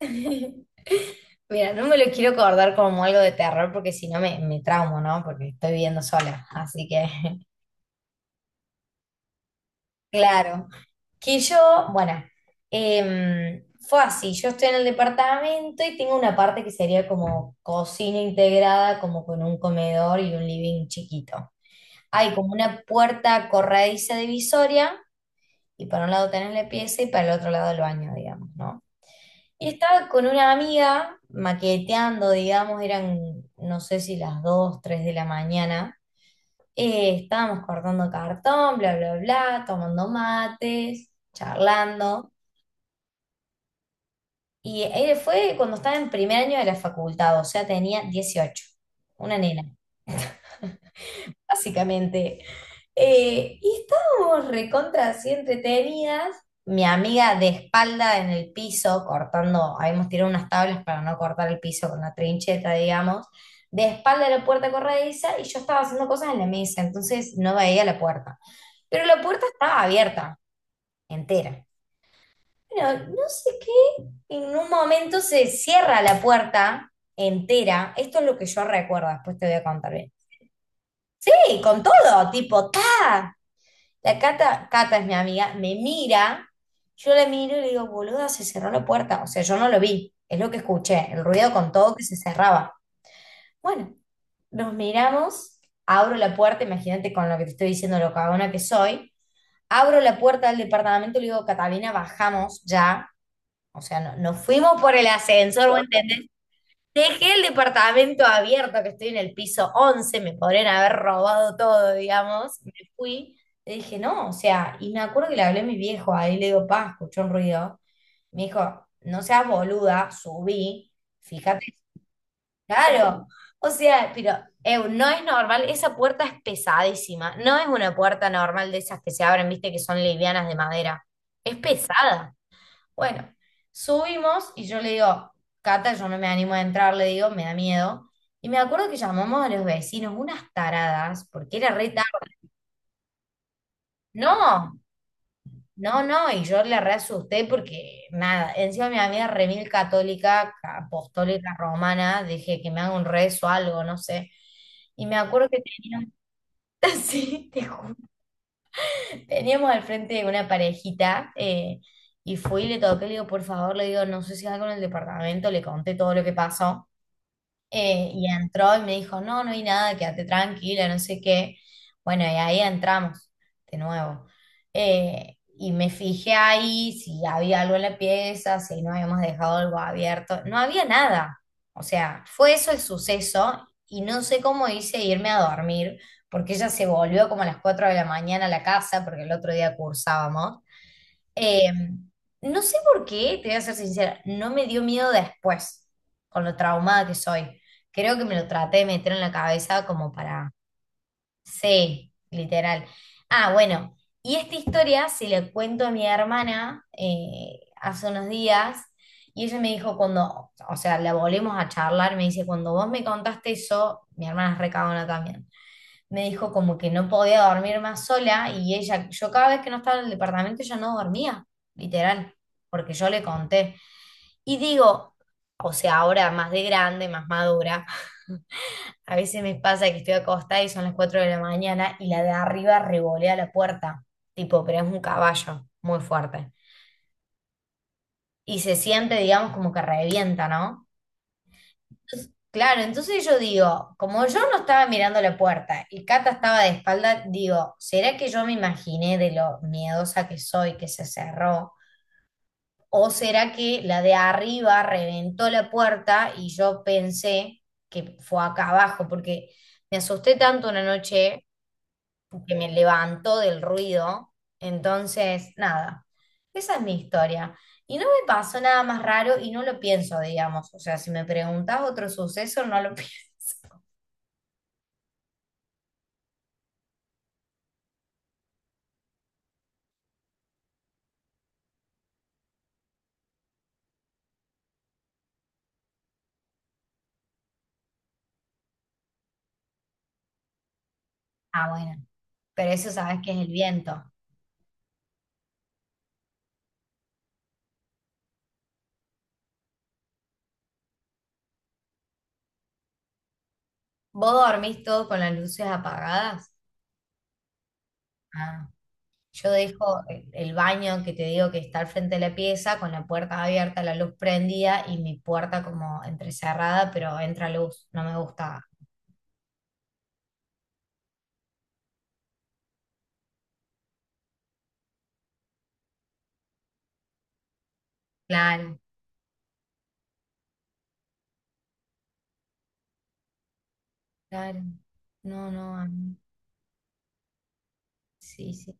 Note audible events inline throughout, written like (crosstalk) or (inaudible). (laughs) Mira, no me lo quiero acordar como algo de terror porque si no me traumo, ¿no? Porque estoy viviendo sola, así que, (laughs) claro. Que yo, bueno, fue así, yo estoy en el departamento y tengo una parte que sería como cocina integrada, como con un comedor y un living chiquito. Hay como una puerta corrediza divisoria y para un lado tenés la pieza y para el otro lado el baño, digamos, ¿no? Y estaba con una amiga maqueteando, digamos, eran, no sé si las 2 3 de la mañana. Estábamos cortando cartón, bla, bla, bla, tomando mates, charlando. Y él fue cuando estaba en primer año de la facultad, o sea, tenía 18, una nena, (laughs) básicamente. Y estábamos recontra así entretenidas. Mi amiga de espalda en el piso, cortando, habíamos tirado unas tablas para no cortar el piso con la trincheta, digamos, de espalda a la puerta corrediza y yo estaba haciendo cosas en la mesa, entonces no veía la puerta. Pero la puerta estaba abierta, entera. Bueno, no sé qué, en un momento se cierra la puerta entera. Esto es lo que yo recuerdo, después te voy a contar bien. Sí, con todo, tipo, ta. La Cata, Cata es mi amiga, me mira, yo la miro y le digo, boluda, se cerró la puerta. O sea, yo no lo vi, es lo que escuché, el ruido con todo que se cerraba. Bueno, nos miramos, abro la puerta, imagínate con lo que te estoy diciendo, lo cagona que soy. Abro la puerta del departamento y le digo, Catalina, bajamos ya. O sea, no, nos fuimos por el ascensor, ¿vos entendés? Dejé el departamento abierto, que estoy en el piso 11 me podrían haber robado todo, digamos. Me fui, le dije, no, o sea, y me acuerdo que le hablé a mi viejo, ahí le digo, pa, escuchó un ruido. Me dijo, no seas boluda, subí, fíjate, claro. O sea, pero eu, no es normal, esa puerta es pesadísima, no es una puerta normal de esas que se abren, viste, que son livianas de madera, es pesada. Bueno, subimos y yo le digo, Cata, yo no me animo a entrar, le digo, me da miedo. Y me acuerdo que llamamos a los vecinos, unas taradas, porque era re tarde. No, no, no, y yo le re asusté porque nada, encima mi amiga re mil católica, apostólica romana, dije que me haga un rezo o algo, no sé. Y me acuerdo que teníamos, (laughs) sí, te juro, teníamos al frente una parejita, y fui y le toqué, le digo, por favor, le digo, no sé si algo en el departamento, le conté todo lo que pasó. Y entró y me dijo, no, no hay nada, quédate tranquila, no sé qué. Bueno, y ahí entramos de nuevo. Y me fijé ahí si había algo en la pieza, si no habíamos dejado algo abierto. No había nada. O sea, fue eso el suceso y no sé cómo hice irme a dormir, porque ella se volvió como a las 4 de la mañana a la casa, porque el otro día cursábamos. Eh, no sé por qué, te voy a ser sincera, no me dio miedo después, con lo traumada que soy. Creo que me lo traté de meter en la cabeza como para, sí, literal. Ah, bueno, y esta historia se la cuento a mi hermana hace unos días y ella me dijo cuando, o sea, la volvemos a charlar, me dice, cuando vos me contaste eso, mi hermana es recabona también, me dijo como que no podía dormir más sola y ella, yo cada vez que no estaba en el departamento ella no dormía, literal, porque yo le conté. Y digo, o sea, ahora más de grande, más madura, (laughs) a veces me pasa que estoy acostada y son las 4 de la mañana y la de arriba revolea la puerta, tipo, pero es un caballo muy fuerte. Y se siente, digamos, como que revienta, ¿no? Claro, entonces yo digo, como yo no estaba mirando la puerta y Cata estaba de espalda, digo, ¿será que yo me imaginé de lo miedosa que soy que se cerró? ¿O será que la de arriba reventó la puerta y yo pensé que fue acá abajo? Porque me asusté tanto una noche que me levantó del ruido. Entonces, nada, esa es mi historia. Y no me pasó nada más raro y no lo pienso, digamos. O sea, si me preguntás otro suceso, no lo (laughs) pienso. Ah, bueno, pero eso sabes que es el viento. ¿Vos dormís todo con las luces apagadas? Ah, yo dejo el baño que te digo que está al frente de la pieza con la puerta abierta, la luz prendida y mi puerta como entrecerrada, pero entra luz, no me gusta. Claro, claro. No, no, a mí- Sí, sí.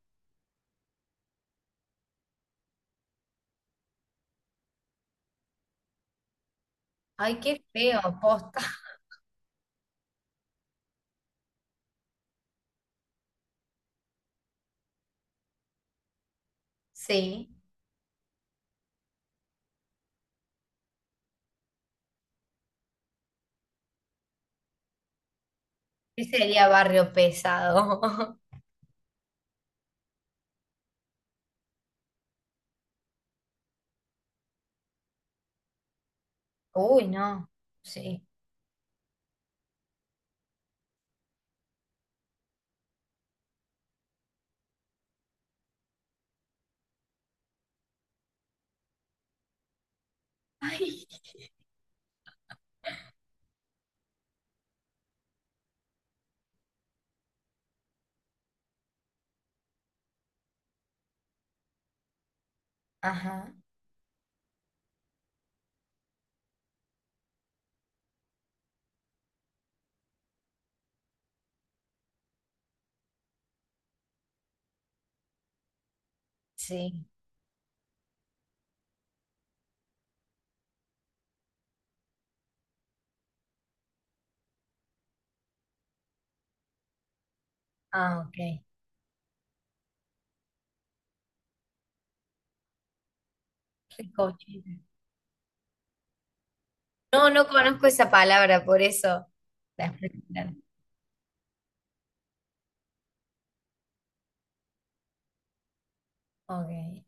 Ay, qué feo, posta. (laughs) Sí, ¿qué sería barrio pesado? (laughs) Uy, no, sí. (laughs) Ay. Ajá, sí. Ah, ok. Ricochete. No, no conozco esa palabra, por eso la explicaron. Ok,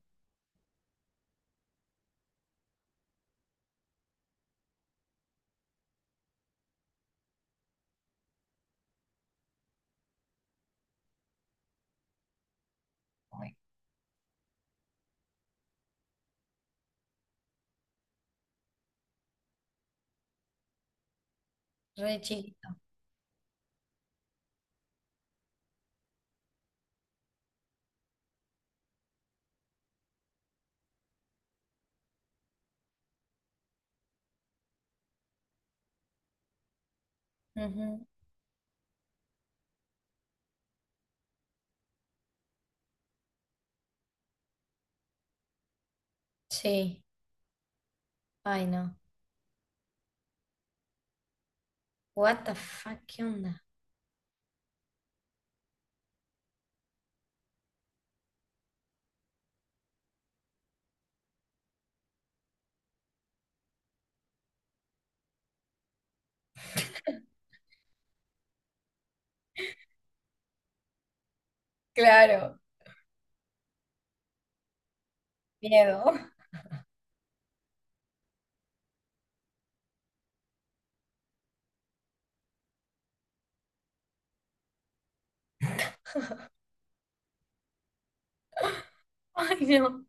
ok. Re chiquito. Ujú. Sí. Ay, no. What the fuck, ¿qué onda? Claro, miedo. (laughs) Ay, no.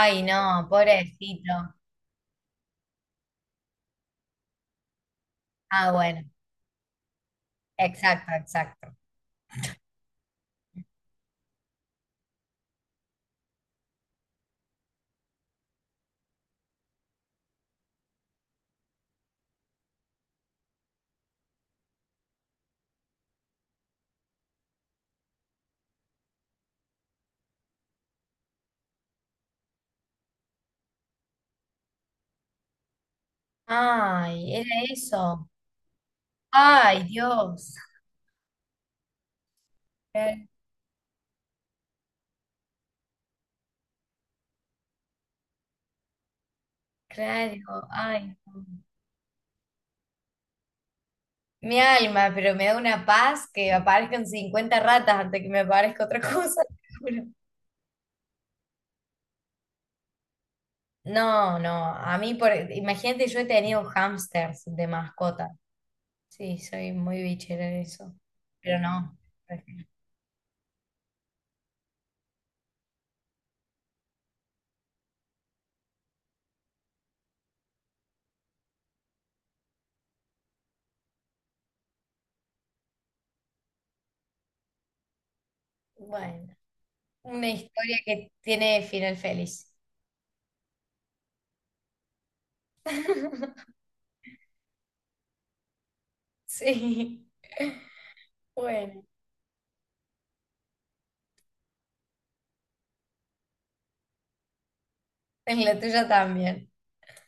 Ay, no, pobrecito. Ah, bueno. Exacto, exacto. Ay, era eso. Ay, Dios. Eh, Claro, ay, no. Mi alma, pero me da una paz que aparezcan 50 ratas antes que me aparezca otra cosa, te juro. No, no, a mí, por, imagínate, yo he tenido hámsters de mascota. Sí, soy muy bichera en eso. Pero no, prefiero- bueno, una historia que tiene final feliz. (laughs) Sí, bueno, en la tuya también.